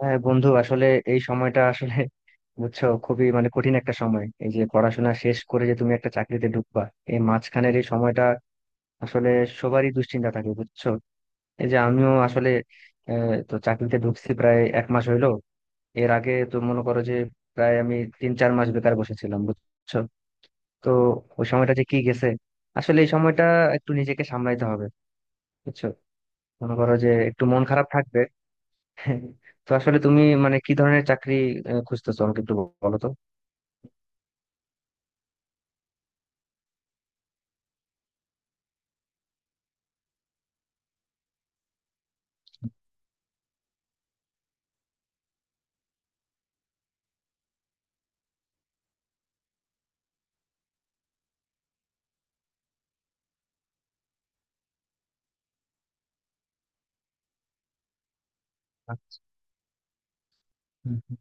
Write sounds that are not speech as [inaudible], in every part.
হ্যাঁ বন্ধু, আসলে এই সময়টা আসলে [laughs] বুঝছো খুবই মানে কঠিন একটা সময়। এই যে পড়াশোনা শেষ করে যে তুমি একটা চাকরিতে ঢুকবা, এই মাঝখানের এই সময়টা আসলে সবারই দুশ্চিন্তা থাকে, বুঝছো। এই যে আমিও আসলে তো চাকরিতে ঢুকছি প্রায় এক মাস হইলো। এর আগে তো মনে করো যে, প্রায় আমি তিন চার মাস বেকার বসেছিলাম, বুঝছো। তো ওই সময়টা যে কি গেছে! আসলে এই সময়টা একটু নিজেকে সামলাইতে হবে, বুঝছো। মনে করো যে একটু মন খারাপ থাকবে। [laughs] তো আসলে তুমি মানে কি ধরনের চাকরি খুঁজতেছো আমাকে একটু বলো তো। হুম, হুম।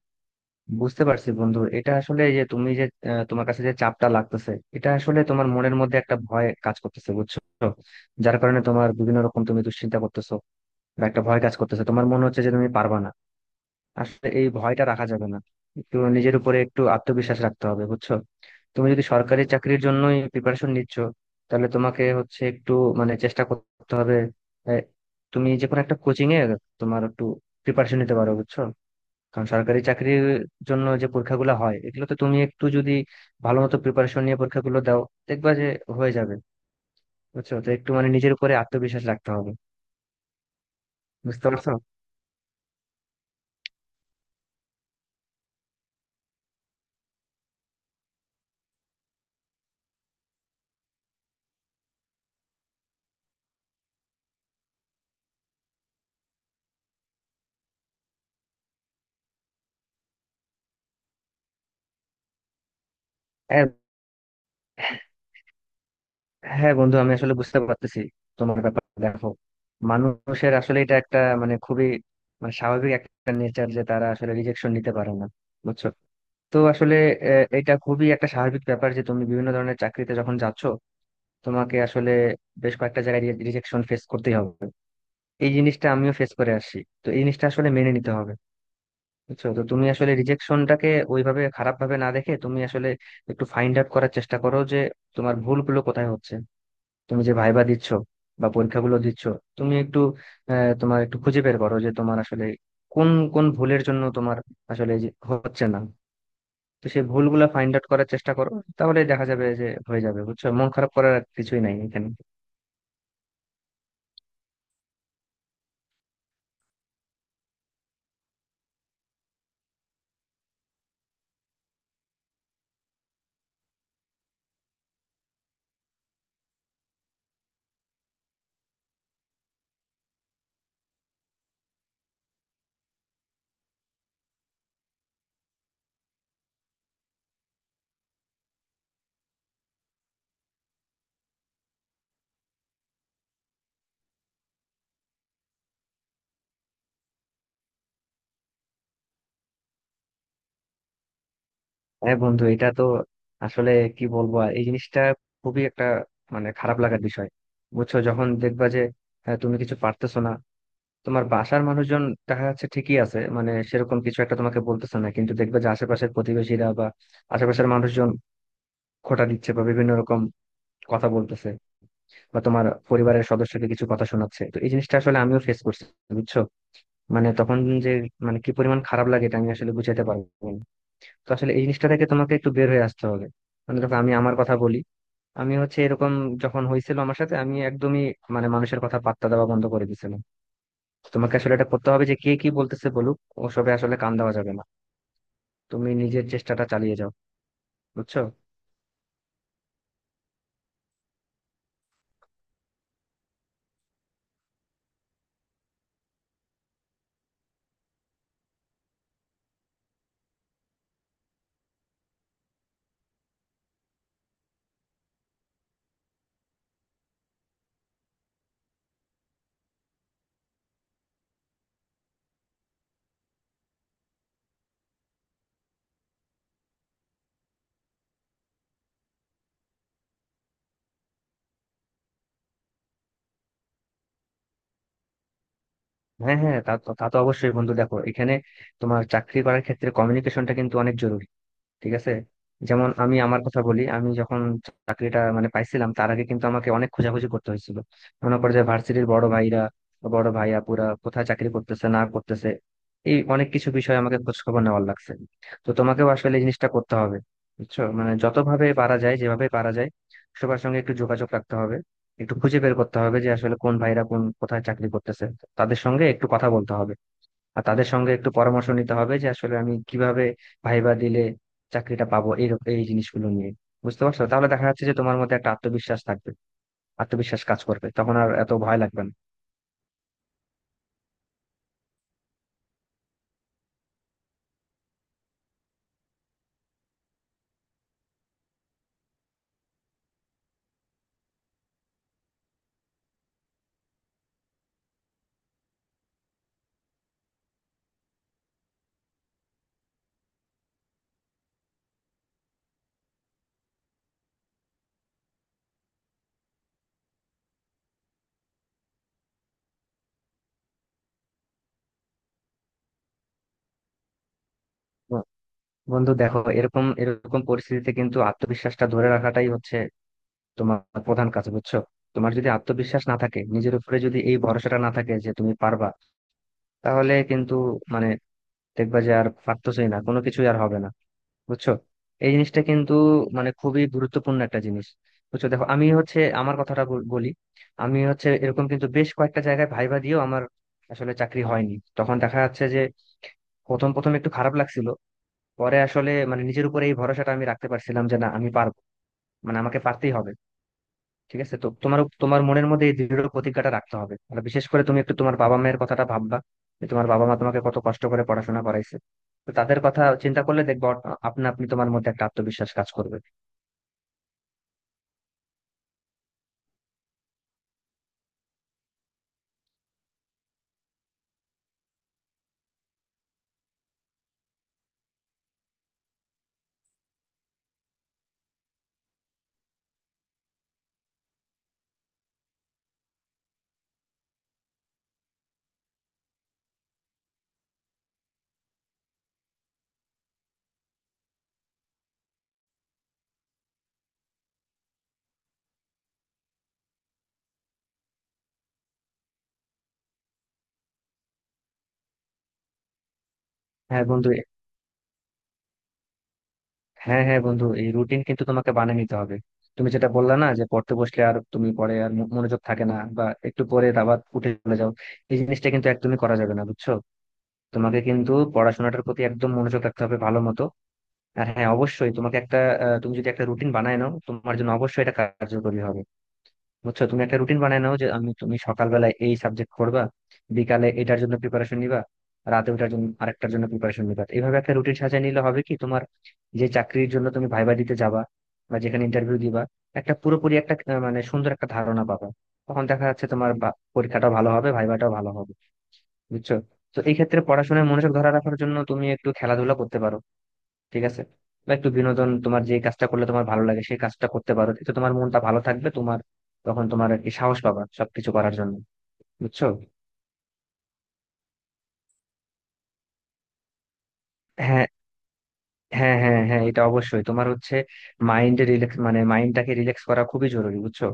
বুঝতে পারছি বন্ধু, এটা আসলে এই যে তুমি যে তোমার কাছে যে চাপটা লাগতেছে, এটা আসলে তোমার মনের মধ্যে একটা ভয় কাজ করতেছে, বুঝছো। যার কারণে তোমার বিভিন্ন রকম তুমি দুশ্চিন্তা করতেছো বা একটা ভয় কাজ করতেছে, তোমার মনে হচ্ছে যে তুমি পারবা না। আসলে এই ভয়টা রাখা যাবে না। একটু নিজের উপরে একটু আত্মবিশ্বাস রাখতে হবে, বুঝছো। তুমি যদি সরকারি চাকরির জন্যই প্রিপারেশন নিচ্ছ, তাহলে তোমাকে হচ্ছে একটু মানে চেষ্টা করতে হবে। এ, তুমি যে কোনো একটা কোচিং এ তোমার একটু প্রিপারেশন নিতে পারো, বুঝছো। কারণ সরকারি চাকরির জন্য যে পরীক্ষাগুলো হয়, এগুলো তো তুমি একটু যদি ভালো মতো প্রিপারেশন নিয়ে পরীক্ষাগুলো দাও, দেখবা যে হয়ে যাবে। বুঝছো, তো একটু মানে নিজের উপরে আত্মবিশ্বাস রাখতে হবে। বুঝতে পারছো? হ্যাঁ, হ্যাঁ বন্ধু, আমি আসলে বুঝতে পারতেছি তোমার ব্যাপার। দেখো, মানুষের আসলে এটা একটা মানে খুবই মানে স্বাভাবিক একটা নেচার যে তারা আসলে রিজেকশন নিতে পারে না, বুঝছো। তো আসলে এটা খুবই একটা স্বাভাবিক ব্যাপার যে তুমি বিভিন্ন ধরনের চাকরিতে যখন যাচ্ছ, তোমাকে আসলে বেশ কয়েকটা জায়গায় রিজেকশন ফেস করতেই হবে। এই জিনিসটা আমিও ফেস করে আসছি। তো এই জিনিসটা আসলে মেনে নিতে হবে, বুঝছো। তো তুমি আসলে রিজেকশনটাকে ওইভাবে খারাপ ভাবে না দেখে, তুমি আসলে একটু ফাইন্ড আউট করার চেষ্টা করো যে তোমার ভুলগুলো কোথায় হচ্ছে। তুমি যে ভাইবা দিচ্ছ বা পরীক্ষাগুলো দিচ্ছ, তুমি একটু তোমার একটু খুঁজে বের করো যে তোমার আসলে কোন কোন ভুলের জন্য তোমার আসলে যে হচ্ছে না। তো সেই ভুলগুলা ফাইন্ড আউট করার চেষ্টা করো, তাহলে দেখা যাবে যে হয়ে যাবে। বুঝছো, মন খারাপ করার আর কিছুই নাই এখানে। হ্যাঁ বন্ধু, এটা তো আসলে কি বলবো আর, এই জিনিসটা খুবই একটা মানে খারাপ লাগার বিষয়, বুঝছো। যখন দেখবা যে তুমি কিছু পারতেছো না, তোমার বাসার মানুষজন দেখা যাচ্ছে ঠিকই আছে, মানে সেরকম কিছু একটা তোমাকে বলতেছে না, কিন্তু দেখবে যে আশেপাশের প্রতিবেশীরা বা আশেপাশের মানুষজন খোঁটা দিচ্ছে বা বিভিন্ন রকম কথা বলতেছে, বা তোমার পরিবারের সদস্যকে কিছু কথা শোনাচ্ছে। তো এই জিনিসটা আসলে আমিও ফেস করছি, বুঝছো। মানে তখন যে মানে কি পরিমাণ খারাপ লাগে, এটা আমি আসলে বুঝাতে পারবো না। তো আসলে এই জিনিসটা থেকে তোমাকে একটু বের হয়ে আসতে হবে। মানে দেখো, আমি আমার কথা বলি। আমি হচ্ছে এরকম, যখন হয়েছিল আমার সাথে, আমি একদমই মানে মানুষের কথা পাত্তা দেওয়া বন্ধ করে দিয়েছিলাম। তো তোমাকে আসলে এটা করতে হবে যে কে কি বলতেছে বলুক, ওসবে আসলে কান দেওয়া যাবে না। তুমি নিজের চেষ্টাটা চালিয়ে যাও, বুঝছো। হ্যাঁ, হ্যাঁ, তা তো তা তো অবশ্যই বন্ধু। দেখো, এখানে তোমার চাকরি করার ক্ষেত্রে কমিউনিকেশনটা কিন্তু অনেক জরুরি, ঠিক আছে? যেমন আমি আমার কথা বলি, আমি যখন চাকরিটা মানে পাইছিলাম, তার আগে কিন্তু আমাকে অনেক খোঁজাখুঁজি করতে হয়েছিল। মনে করে যে ভার্সিটির বড় ভাইরা বড় ভাইয়া পুরা কোথায় চাকরি করতেছে না করতেছে, এই অনেক কিছু বিষয়ে আমাকে খোঁজ খবর নেওয়ার লাগছে। তো তোমাকেও আসলে এই জিনিসটা করতে হবে, বুঝছো। মানে যতভাবে পারা যায় যেভাবে পারা যায়, সবার সঙ্গে একটু যোগাযোগ রাখতে হবে। একটু খুঁজে বের করতে হবে যে আসলে কোন ভাইরা কোন কোথায় চাকরি করতেছে, তাদের সঙ্গে একটু কথা বলতে হবে। আর তাদের সঙ্গে একটু পরামর্শ নিতে হবে যে আসলে আমি কিভাবে ভাইবা দিলে চাকরিটা পাবো, এই এই জিনিসগুলো নিয়ে। বুঝতে পারছো? তাহলে দেখা যাচ্ছে যে তোমার মধ্যে একটা আত্মবিশ্বাস থাকবে, আত্মবিশ্বাস কাজ করবে, তখন আর এত ভয় লাগবে না। তো বন্ধু দেখো, এরকম এরকম পরিস্থিতিতে কিন্তু আত্মবিশ্বাসটা ধরে রাখাটাই হচ্ছে তোমার প্রধান কাজ, বুঝছো। তোমার যদি আত্মবিশ্বাস না থাকে, নিজের উপরে যদি এই ভরসাটা না থাকে যে তুমি পারবা, তাহলে কিন্তু মানে দেখবা যে আর পারতেছই না, কোনো কিছুই আর হবে না, বুঝছো। এই জিনিসটা কিন্তু মানে খুবই গুরুত্বপূর্ণ একটা জিনিস। বুঝছো, দেখো আমি হচ্ছে আমার কথাটা বলি। আমি হচ্ছে এরকম, কিন্তু বেশ কয়েকটা জায়গায় ভাইবা দিয়েও আমার আসলে চাকরি হয়নি। তখন দেখা যাচ্ছে যে প্রথম প্রথম একটু খারাপ লাগছিল, পরে আসলে মানে নিজের উপরে এই ভরসাটা আমি রাখতে পারছিলাম যে না, আমি পারবো, মানে আমাকে পারতেই হবে। ঠিক আছে, তো তোমার তোমার মনের মধ্যে এই দৃঢ় প্রতিজ্ঞাটা রাখতে হবে। আর বিশেষ করে তুমি একটু তোমার বাবা মায়ের কথাটা ভাববা, যে তোমার বাবা মা তোমাকে কত কষ্ট করে পড়াশোনা করাইছে। তো তাদের কথা চিন্তা করলে দেখবো আপনা আপনি তোমার মধ্যে একটা আত্মবিশ্বাস কাজ করবে। হ্যাঁ বন্ধু, হ্যাঁ হ্যাঁ বন্ধু, এই রুটিন কিন্তু তোমাকে বানিয়ে নিতে হবে। তুমি যেটা বললা না, যে পড়তে বসলে আর তুমি পরে আর মনোযোগ থাকে না বা একটু পরে আবার উঠে চলে যাও, এই জিনিসটা কিন্তু একদমই করা যাবে না, বুঝছো। তোমাকে কিন্তু পড়াশোনাটার প্রতি একদম মনোযোগ রাখতে হবে ভালো মতো। আর হ্যাঁ, অবশ্যই তোমাকে একটা তুমি যদি একটা রুটিন বানায় নাও, তোমার জন্য অবশ্যই এটা কার্যকরী হবে, বুঝছো। তুমি একটা রুটিন বানায় নাও যে আমি তুমি সকালবেলায় এই সাবজেক্ট করবা, বিকালে এটার জন্য প্রিপারেশন নিবা, রাতে ওটার জন্য আরেকটার জন্য প্রিপারেশন নিবা। এইভাবে একটা রুটিন সাজিয়ে নিলে হবে কি, তোমার যে চাকরির জন্য তুমি ভাইবা দিতে যাবা বা যেখানে ইন্টারভিউ দিবা, একটা পুরোপুরি একটা মানে সুন্দর একটা ধারণা পাবা। তখন দেখা যাচ্ছে তোমার পরীক্ষাটাও ভালো হবে, ভাইবাটাও ভালো হবে, বুঝছো। তো এই ক্ষেত্রে পড়াশোনায় মনোযোগ ধরে রাখার জন্য তুমি একটু খেলাধুলা করতে পারো, ঠিক আছে? বা একটু বিনোদন, তোমার যে কাজটা করলে তোমার ভালো লাগে সেই কাজটা করতে পারো, এতে তোমার মনটা ভালো থাকবে। তোমার তখন তোমার আর কি সাহস পাবা সবকিছু করার জন্য, বুঝছো। হ্যাঁ, হ্যাঁ, হ্যাঁ, হ্যাঁ, এটা অবশ্যই তোমার হচ্ছে মাইন্ডে রিল্যাক্স, মানে মাইন্ডটাকে রিল্যাক্স করা খুবই জরুরি, বুঝছো।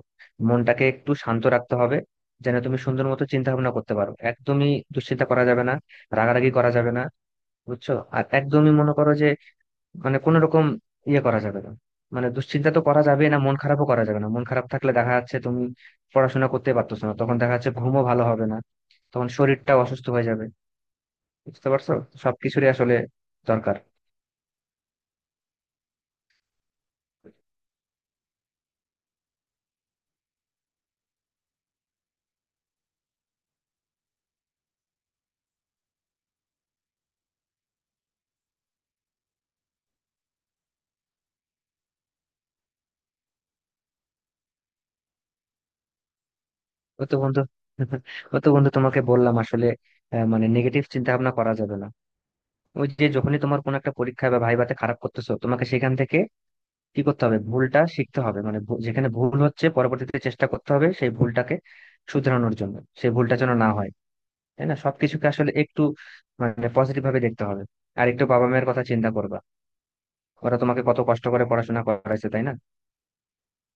মনটাকে একটু শান্ত রাখতে হবে, যেন তুমি সুন্দর মতো চিন্তা ভাবনা করতে পারো। একদমই দুশ্চিন্তা করা যাবে না, রাগারাগি করা যাবে না, বুঝছো। আর একদমই মনে করো যে মানে কোনো রকম ইয়ে করা যাবে না। মানে দুশ্চিন্তা তো করা যাবে না, মন খারাপও করা যাবে না। মন খারাপ থাকলে দেখা যাচ্ছে তুমি পড়াশোনা করতে পারতেছো না, তখন দেখা যাচ্ছে ঘুমও ভালো হবে না, তখন শরীরটাও অসুস্থ হয়ে যাবে। বুঝতে পারছো, সবকিছুরই আসলে দরকার। ও তো বন্ধু, [laughs] ও তো বন্ধু তোমাকে বললাম আসলে মানে নেগেটিভ চিন্তা ভাবনা করা যাবে না। ওই যে যখনই তোমার কোনো একটা পরীক্ষায় বা ভাইভাতে খারাপ করতেছো, তোমাকে সেখান থেকে কি করতে হবে, ভুলটা শিখতে হবে, মানে যেখানে ভুল হচ্ছে পরবর্তীতে চেষ্টা করতে হবে সেই ভুলটাকে শুধরানোর জন্য, সেই ভুলটা যেন না হয়, তাই না? সবকিছুকে আসলে একটু মানে পজিটিভ ভাবে দেখতে হবে। আর একটু বাবা মায়ের কথা চিন্তা করবা, ওরা তোমাকে কত কষ্ট করে পড়াশোনা করাইছে, তাই না?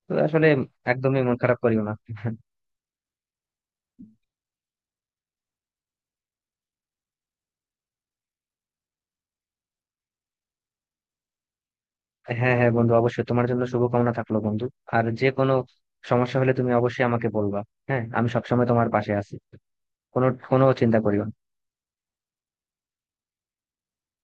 তো আসলে একদমই মন খারাপ করিও না। হ্যাঁ, হ্যাঁ বন্ধু, অবশ্যই তোমার জন্য শুভকামনা থাকলো বন্ধু। আর যে কোনো সমস্যা হলে তুমি অবশ্যই আমাকে বলবা। হ্যাঁ, আমি সবসময় তোমার পাশে আছি। কোনো কোনো চিন্তা করিও না।